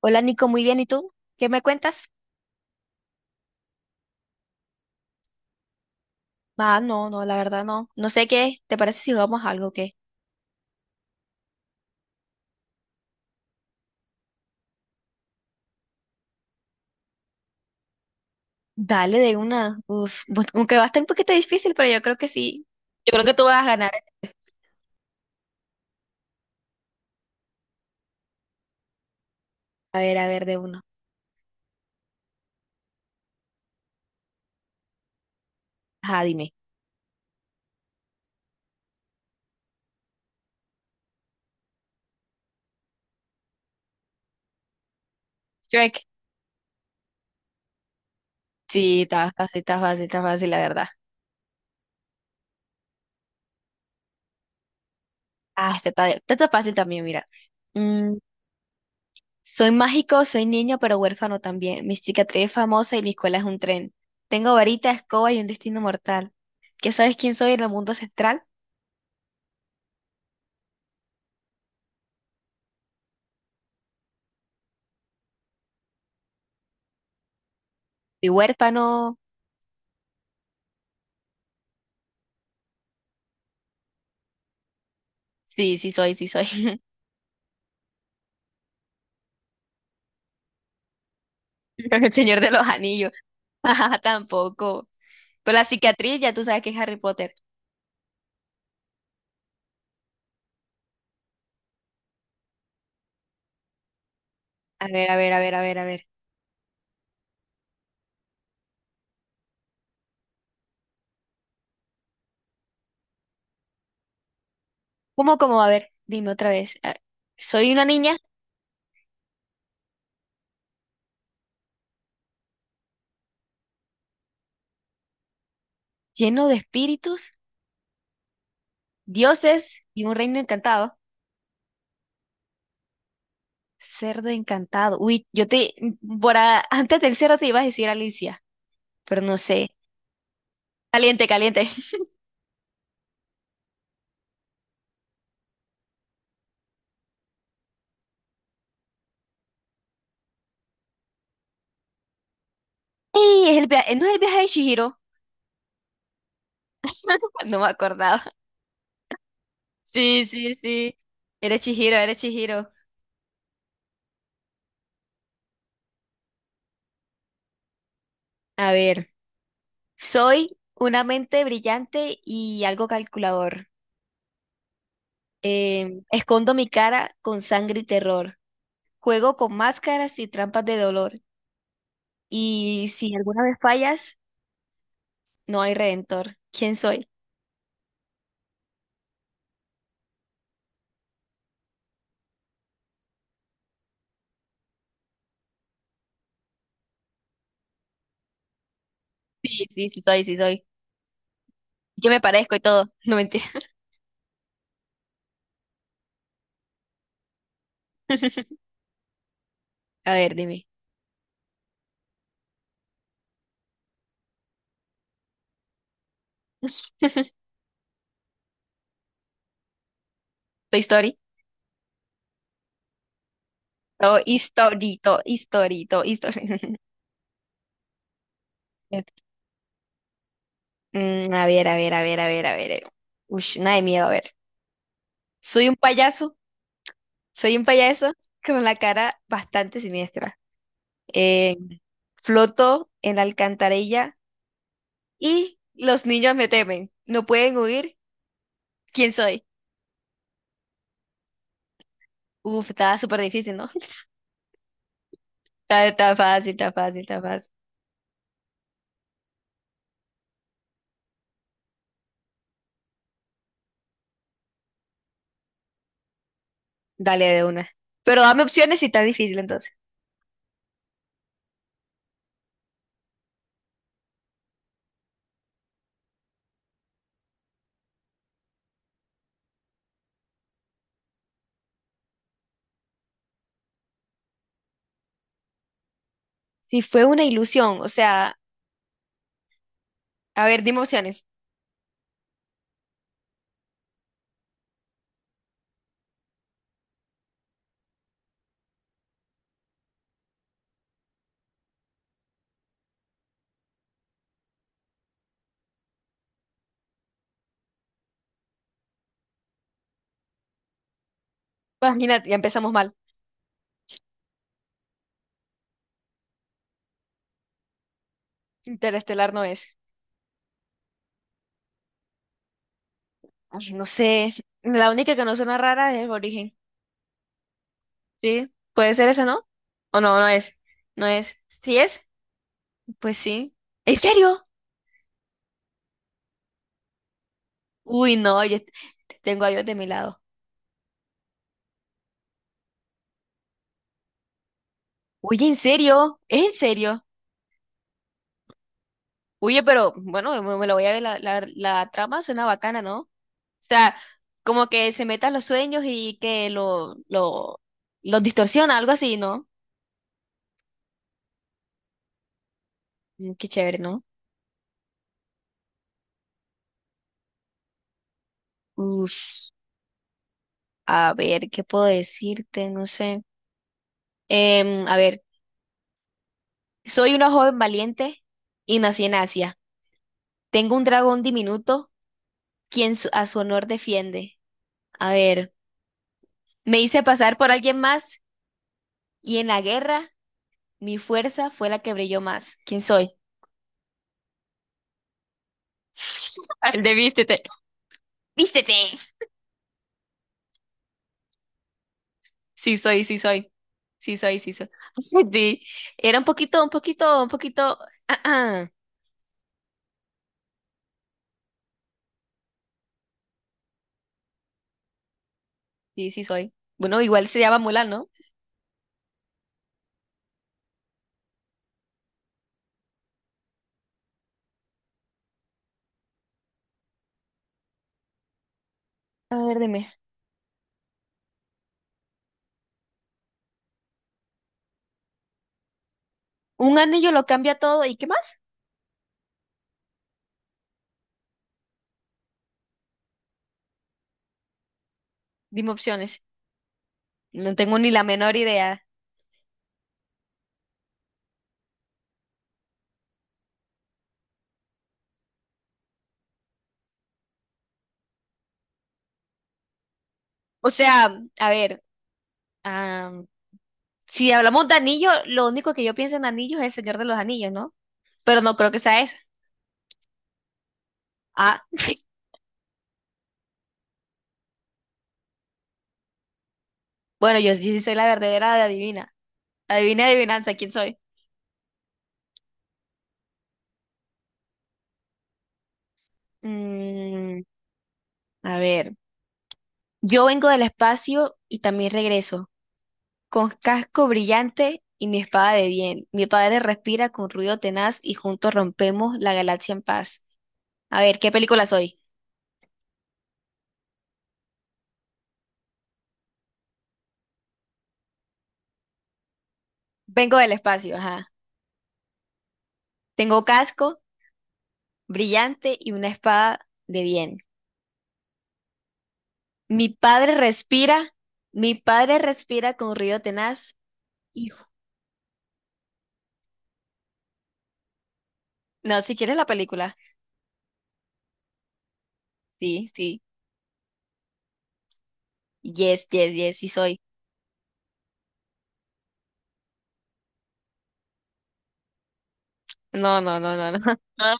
Hola Nico, muy bien. ¿Y tú? ¿Qué me cuentas? Ah, no, no, la verdad no. No sé qué. ¿Te parece si jugamos algo o qué? Dale de una. Uf, aunque va a estar un poquito difícil, pero yo creo que sí. Yo creo que tú vas a ganar. A ver, de una. Ajá, dime. Shrek. Sí, está fácil, está fácil, está fácil, la verdad. Ah, este está fácil también, mira. Mm, Soy mágico, soy niño, pero huérfano también. Mi cicatriz es famosa y mi escuela es un tren. Tengo varita, escoba y un destino mortal. ¿Qué sabes quién soy en el mundo central? Soy huérfano. Sí, sí soy, sí soy. El Señor de los Anillos. Ajá, tampoco. Pero la cicatriz, ya tú sabes que es Harry Potter. A ver, a ver, a ver, a ver, a ver. ¿Cómo, cómo? A ver, dime otra vez. Soy una niña, lleno de espíritus, dioses y un reino encantado. Cerdo encantado. Uy, yo te... Antes del cero te iba a decir Alicia, pero no sé. Caliente, caliente. ¡Ey! ¿No es el viaje de Chihiro? No me acordaba. Sí, sí, sí. Eres Chihiro, eres Chihiro. A ver. Soy una mente brillante y algo calculador. Escondo mi cara con sangre y terror. Juego con máscaras y trampas de dolor. Y si alguna vez fallas, no hay redentor. ¿Quién soy? Sí, sí, sí soy, sí soy. Yo me parezco y todo. No mentira. A ver, dime. Toy Story. Todo historito, historito, historito. A ver, a ver, a ver, a ver, a ver. Uy, nada de miedo, a ver. Soy un payaso. Soy un payaso con la cara bastante siniestra. Eh, Floto en la alcantarilla y los niños me temen. No pueden huir. ¿Quién soy? Uf, está súper difícil, ¿no? Está, está fácil, está fácil, está fácil. Dale de una. Pero dame opciones si está difícil entonces. Si fue una ilusión, o sea, a ver, dime opciones. Pues mira, ya empezamos mal. Interestelar no es. Ay, no sé. La única que no suena rara es Origen. Sí, puede ser esa, ¿no? O no, no es. No es. ¿Sí es? Pues sí. ¿En serio? Uy, no, yo tengo a Dios de mi lado. Oye, ¿en serio? ¿Es en serio? Oye, pero bueno, me lo voy a ver, la trama suena bacana, ¿no? O sea, como que se metan los sueños y que lo, los distorsiona, algo así, ¿no? Mm, qué chévere, ¿no? Uf, a ver, ¿qué puedo decirte? No sé. A ver, soy una joven valiente y nací en Asia. Tengo un dragón diminuto, a su honor defiende. A ver. Me hice pasar por alguien más y en la guerra mi fuerza fue la que brilló más. ¿Quién soy? El de vístete. ¡Vístete! Sí soy, sí soy. Sí soy, sí soy. Sí. Era un poquito, un poquito, un poquito. ah, ah. Sí, sí soy. Bueno, igual se llama Mulan, ¿no? A ver, dime. Un anillo lo cambia todo. ¿Y qué más? Dime opciones. No tengo ni la menor idea. O sea, a ver, am, si hablamos de anillo, lo único que yo pienso en anillos es el Señor de los Anillos, ¿no? Pero no creo que sea esa. Ah, Bueno, yo sí soy la verdadera de adivina. Adivina, adivinanza, ¿quién soy? Mm, a ver, yo vengo del espacio y también regreso, con casco brillante y mi espada de bien. Mi padre respira con ruido tenaz y juntos rompemos la galaxia en paz. A ver, ¿qué película soy? Vengo del espacio, ajá. Tengo casco brillante y una espada de bien. Mi padre respira, mi padre respira con ruido tenaz y... No, si quieres la película. Sí, sí. Yes, yes, yes, sí soy. No, no, no, no, no. Ah,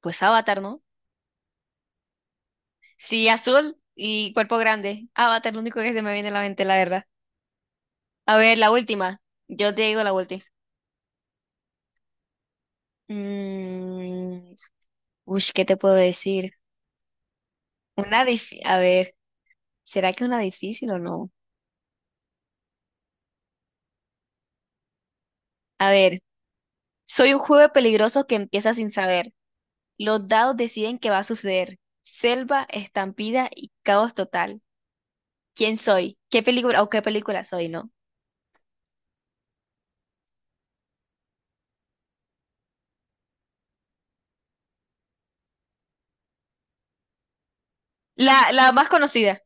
pues Avatar, ¿no? Sí, azul y cuerpo grande. Avatar, lo único que se me viene a la mente, la verdad. A ver, la última. Yo te digo la última. Mm, uy, ¿qué te puedo decir? Una difícil. A ver, ¿será que una difícil o no? A ver, soy un juego peligroso que empieza sin saber. Los dados deciden qué va a suceder. Selva, estampida y caos total. ¿Quién soy? ¿Qué película o qué película soy, no? La más conocida.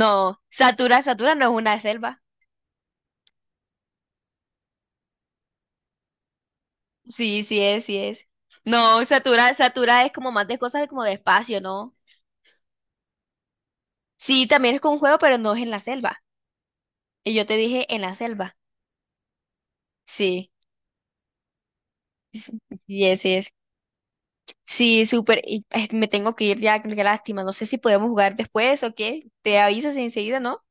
No, Satura, Satura no es una selva. Sí, sí es, sí es. No, Satura, Satura es como más de cosas como de espacio, ¿no? Sí, también es con un juego, pero no es en la selva. Y yo te dije en la selva. Sí, s- sí es, sí es. Sí, súper. Me tengo que ir ya, qué lástima. No sé si podemos jugar después o qué. Te avisas enseguida, ¿no?